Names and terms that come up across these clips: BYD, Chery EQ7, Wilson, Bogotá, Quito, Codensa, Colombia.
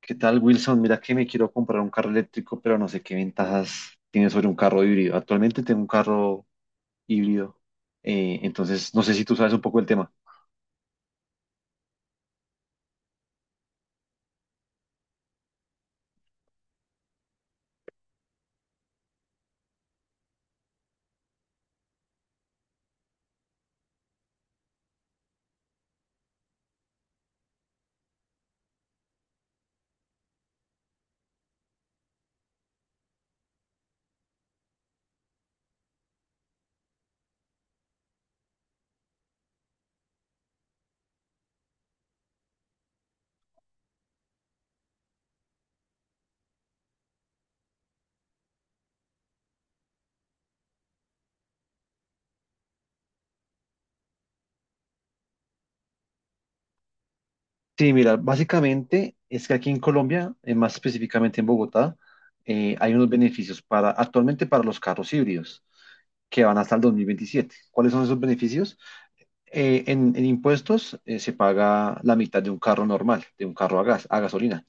¿Qué tal, Wilson? Mira que me quiero comprar un carro eléctrico, pero no sé qué ventajas tiene sobre un carro híbrido. Actualmente tengo un carro híbrido, entonces no sé si tú sabes un poco el tema. Sí, mira, básicamente es que aquí en Colombia, más específicamente en Bogotá, hay unos beneficios para actualmente para los carros híbridos que van hasta el 2027. ¿Cuáles son esos beneficios? En impuestos se paga la mitad de un carro normal, de un carro a gas, a gasolina.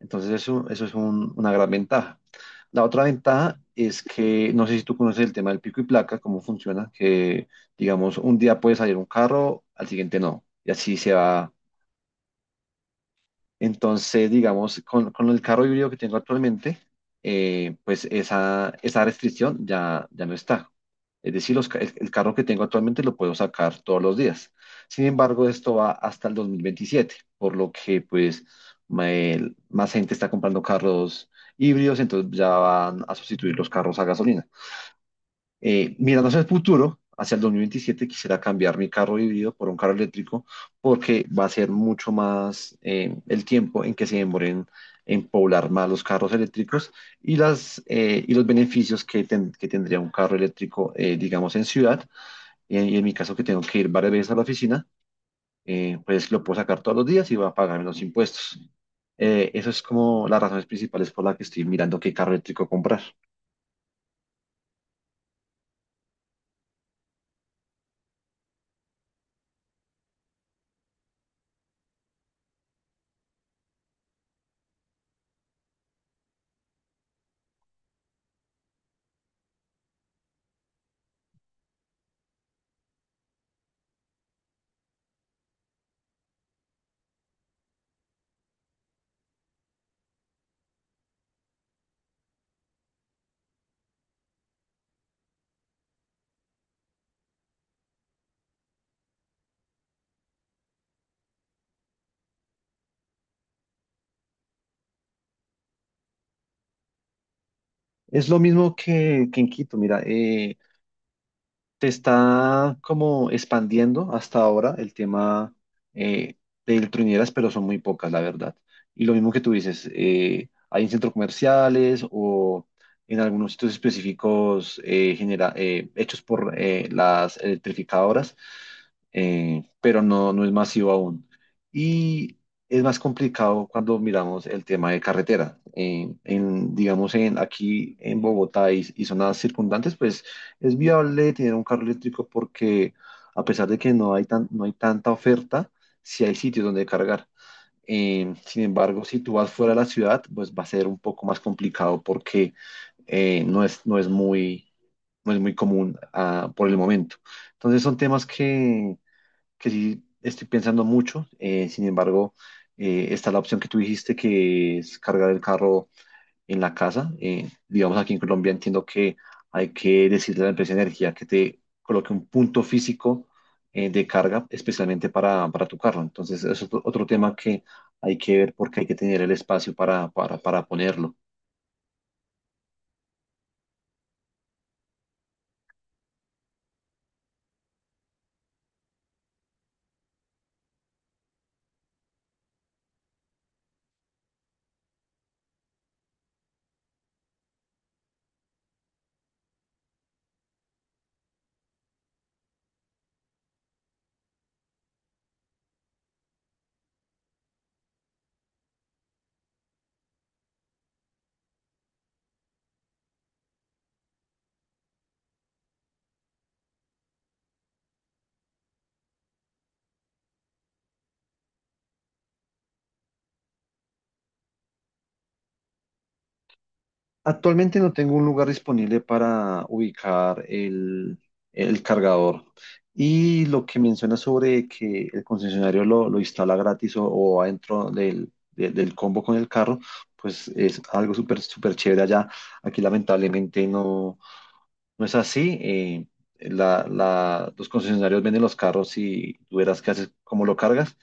Entonces eso es una gran ventaja. La otra ventaja es que, no sé si tú conoces el tema del pico y placa, cómo funciona, que digamos, un día puede salir un carro, al siguiente no. Y así se va, entonces, digamos, con el carro híbrido que tengo actualmente, pues esa restricción ya no está. Es decir, el carro que tengo actualmente lo puedo sacar todos los días. Sin embargo, esto va hasta el 2027, por lo que pues más gente está comprando carros híbridos, entonces ya van a sustituir los carros a gasolina. Mirando hacia el futuro, hacia el 2027, quisiera cambiar mi carro híbrido por un carro eléctrico porque va a ser mucho más, el tiempo en que se demoren en poblar más los carros eléctricos, y los beneficios que tendría un carro eléctrico, digamos, en ciudad. Y en mi caso, que tengo que ir varias veces a la oficina, pues lo puedo sacar todos los días y va a pagar menos impuestos. Eso es como las razones principales por las que estoy mirando qué carro eléctrico comprar. Es lo mismo que en Quito, mira, se está como expandiendo hasta ahora el tema, eh, de ultrañeras, pero son muy pocas, la verdad. Y lo mismo que tú dices, hay en centros comerciales o en algunos sitios específicos, hechos por las electrificadoras, pero no es masivo aún. Y es más complicado cuando miramos el tema de carretera. Digamos, aquí en Bogotá y zonas circundantes, pues es viable tener un carro eléctrico porque, a pesar de que no hay tanta oferta, sí hay sitios donde cargar. Sin embargo, si tú vas fuera de la ciudad, pues va a ser un poco más complicado porque, eh, no es, no es muy, no es muy común, por el momento. Entonces son temas que sí estoy pensando mucho. Sin embargo, está la opción que tú dijiste, que es cargar el carro en la casa. Digamos, aquí en Colombia entiendo que hay que decirle a la empresa de energía que te coloque un punto físico, de carga, especialmente para tu carro. Entonces, es otro tema que hay que ver, porque hay que tener el espacio para ponerlo. Actualmente no tengo un lugar disponible para ubicar el cargador. Y lo que menciona sobre que el concesionario lo instala gratis, o adentro del combo con el carro, pues es algo súper súper chévere allá. Aquí lamentablemente no. No es así. Los concesionarios venden los carros y tú verás qué haces, cómo lo cargas.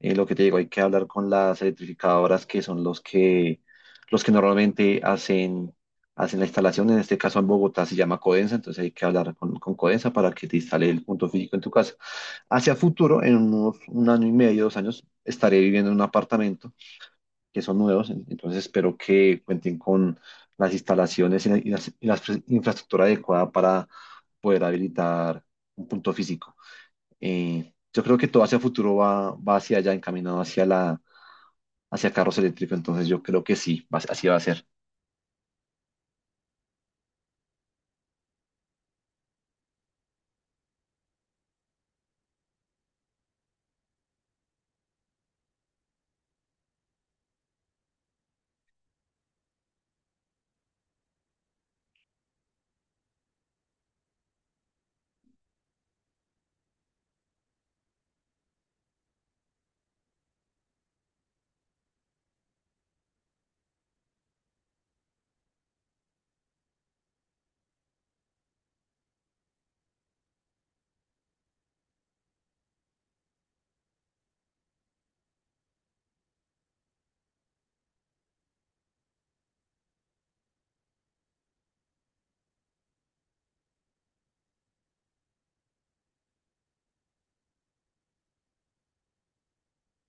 Lo que te digo, hay que hablar con las electrificadoras que son los que normalmente hacen la instalación. En este caso, en Bogotá se llama Codensa, entonces hay que hablar con Codensa para que te instale el punto físico en tu casa. Hacia futuro, en un año y medio, 2 años, estaré viviendo en un apartamento que son nuevos. Entonces espero que cuenten con las instalaciones, y la infraestructura adecuada para poder habilitar un punto físico. Yo creo que todo hacia futuro va hacia allá, encaminado hacia carros eléctricos, entonces yo creo que sí, así va a ser.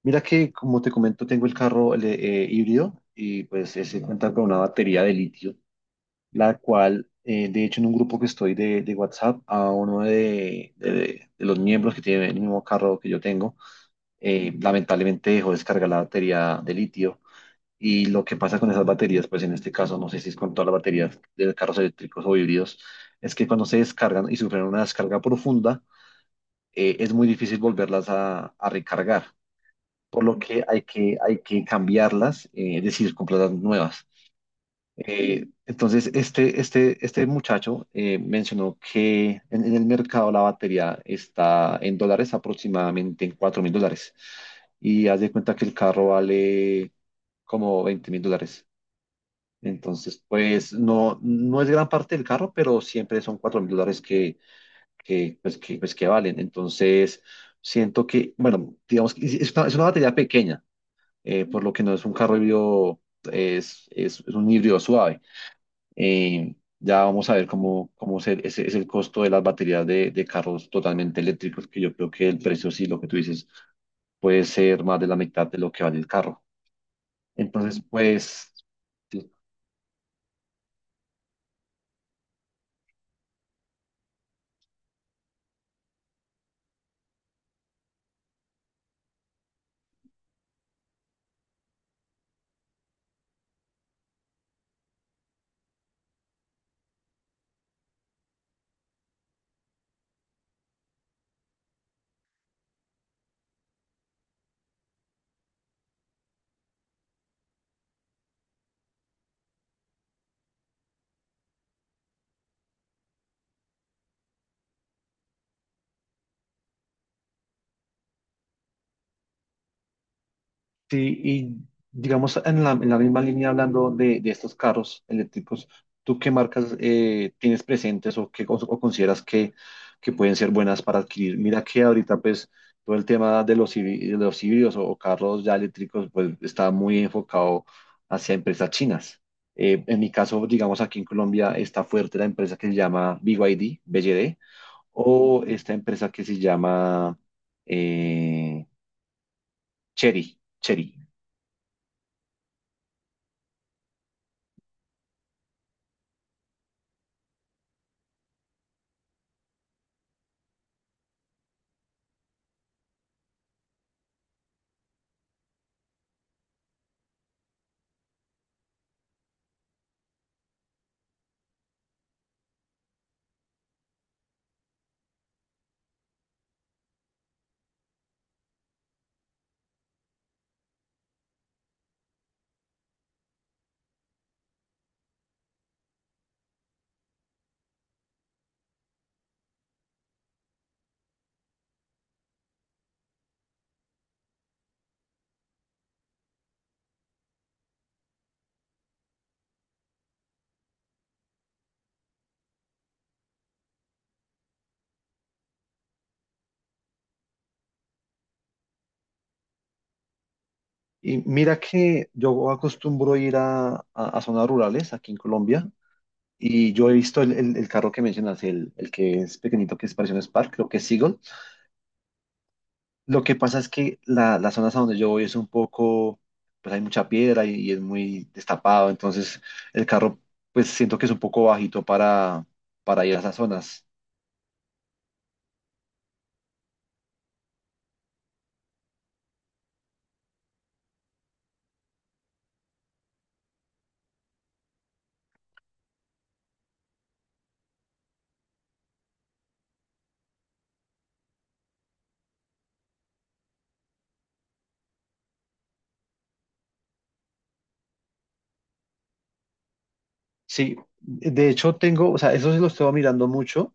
Mira que, como te comento, tengo el carro, híbrido, y pues ese cuenta con una batería de litio. La cual, de hecho, en un grupo que estoy de WhatsApp, a uno de los miembros que tiene el mismo carro que yo tengo, lamentablemente dejó descargar la batería de litio. Y lo que pasa con esas baterías, pues en este caso, no sé si es con todas las baterías de carros eléctricos o híbridos, es que cuando se descargan y sufren una descarga profunda, es muy difícil volverlas a recargar, por lo que hay que, cambiarlas, es decir, comprar las nuevas. Entonces, este muchacho mencionó que en el mercado la batería está en dólares, aproximadamente en $4,000. Y haz de cuenta que el carro vale como $20,000. Entonces, pues no es gran parte del carro, pero siempre son $4,000 que valen. Entonces, siento que, bueno, digamos que es una batería pequeña, por lo que no es un carro híbrido, es un híbrido suave. Eh, ya vamos a ver cómo ese es el costo de las baterías de carros totalmente eléctricos, que yo creo que el precio, sí, lo que tú dices, puede ser más de la mitad de lo que vale el carro. Entonces, pues, sí, y digamos en la misma línea, hablando de estos carros eléctricos, ¿tú qué marcas tienes presentes, o qué, o consideras que pueden ser buenas para adquirir? Mira que ahorita, pues, todo el tema de los híbridos, o carros ya eléctricos, pues está muy enfocado hacia empresas chinas. En mi caso, digamos, aquí en Colombia está fuerte la empresa que se llama BYD, BYD, o esta empresa que se llama, eh, Chery, Chery. Y mira que yo acostumbro ir a zonas rurales aquí en Colombia, y yo he visto el carro que mencionas, el que es pequeñito, que es parecido a un Spark, creo que es Seagull. Lo que pasa es que las zonas a donde yo voy es un poco, pues hay mucha piedra y es muy destapado, entonces el carro, pues, siento que es un poco bajito para ir a esas zonas. Sí, de hecho tengo, o sea, eso sí lo estoy mirando mucho,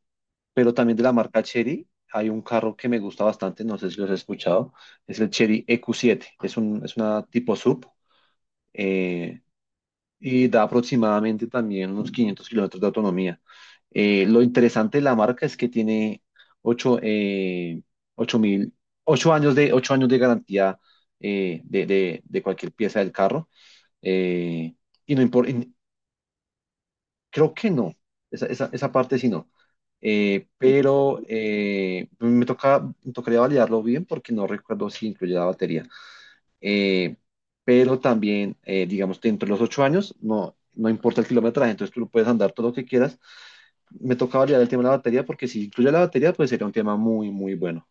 pero también de la marca Chery. Hay un carro que me gusta bastante, no sé si los has escuchado, es el Chery EQ7, es una tipo sub, eh, y da aproximadamente también unos 500 kilómetros de autonomía. Lo interesante de la marca es que tiene 8 eh, ocho mil, ocho años de garantía, de cualquier pieza del carro, eh, y no impor-. Creo que no, esa parte sí no. Pero, pues, me tocaría validarlo bien porque no recuerdo si incluye la batería. Eh, pero también, digamos, dentro de los 8 años, no, no importa el kilometraje, entonces tú lo puedes andar todo lo que quieras. Me toca validar el tema de la batería porque si incluye la batería, pues sería un tema muy, muy bueno.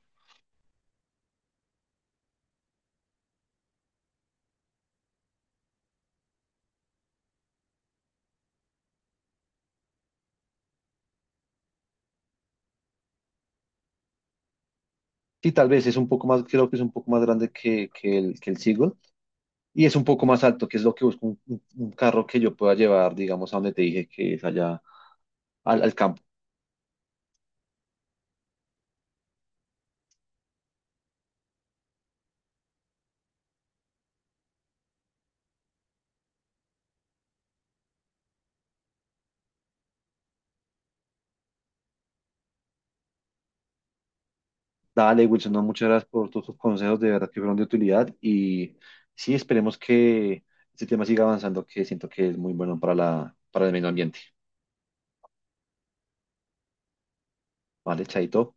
Sí, tal vez es un poco más, creo que es un poco más grande que el Seagull, y es un poco más alto, que es lo que busco, un carro que yo pueda llevar, digamos, a donde te dije que es allá, al campo. Dale, Wilson, no, muchas gracias por todos tus consejos, de verdad que fueron de utilidad, y sí, esperemos que este tema siga avanzando, que siento que es muy bueno para el medio ambiente. Vale, chaito.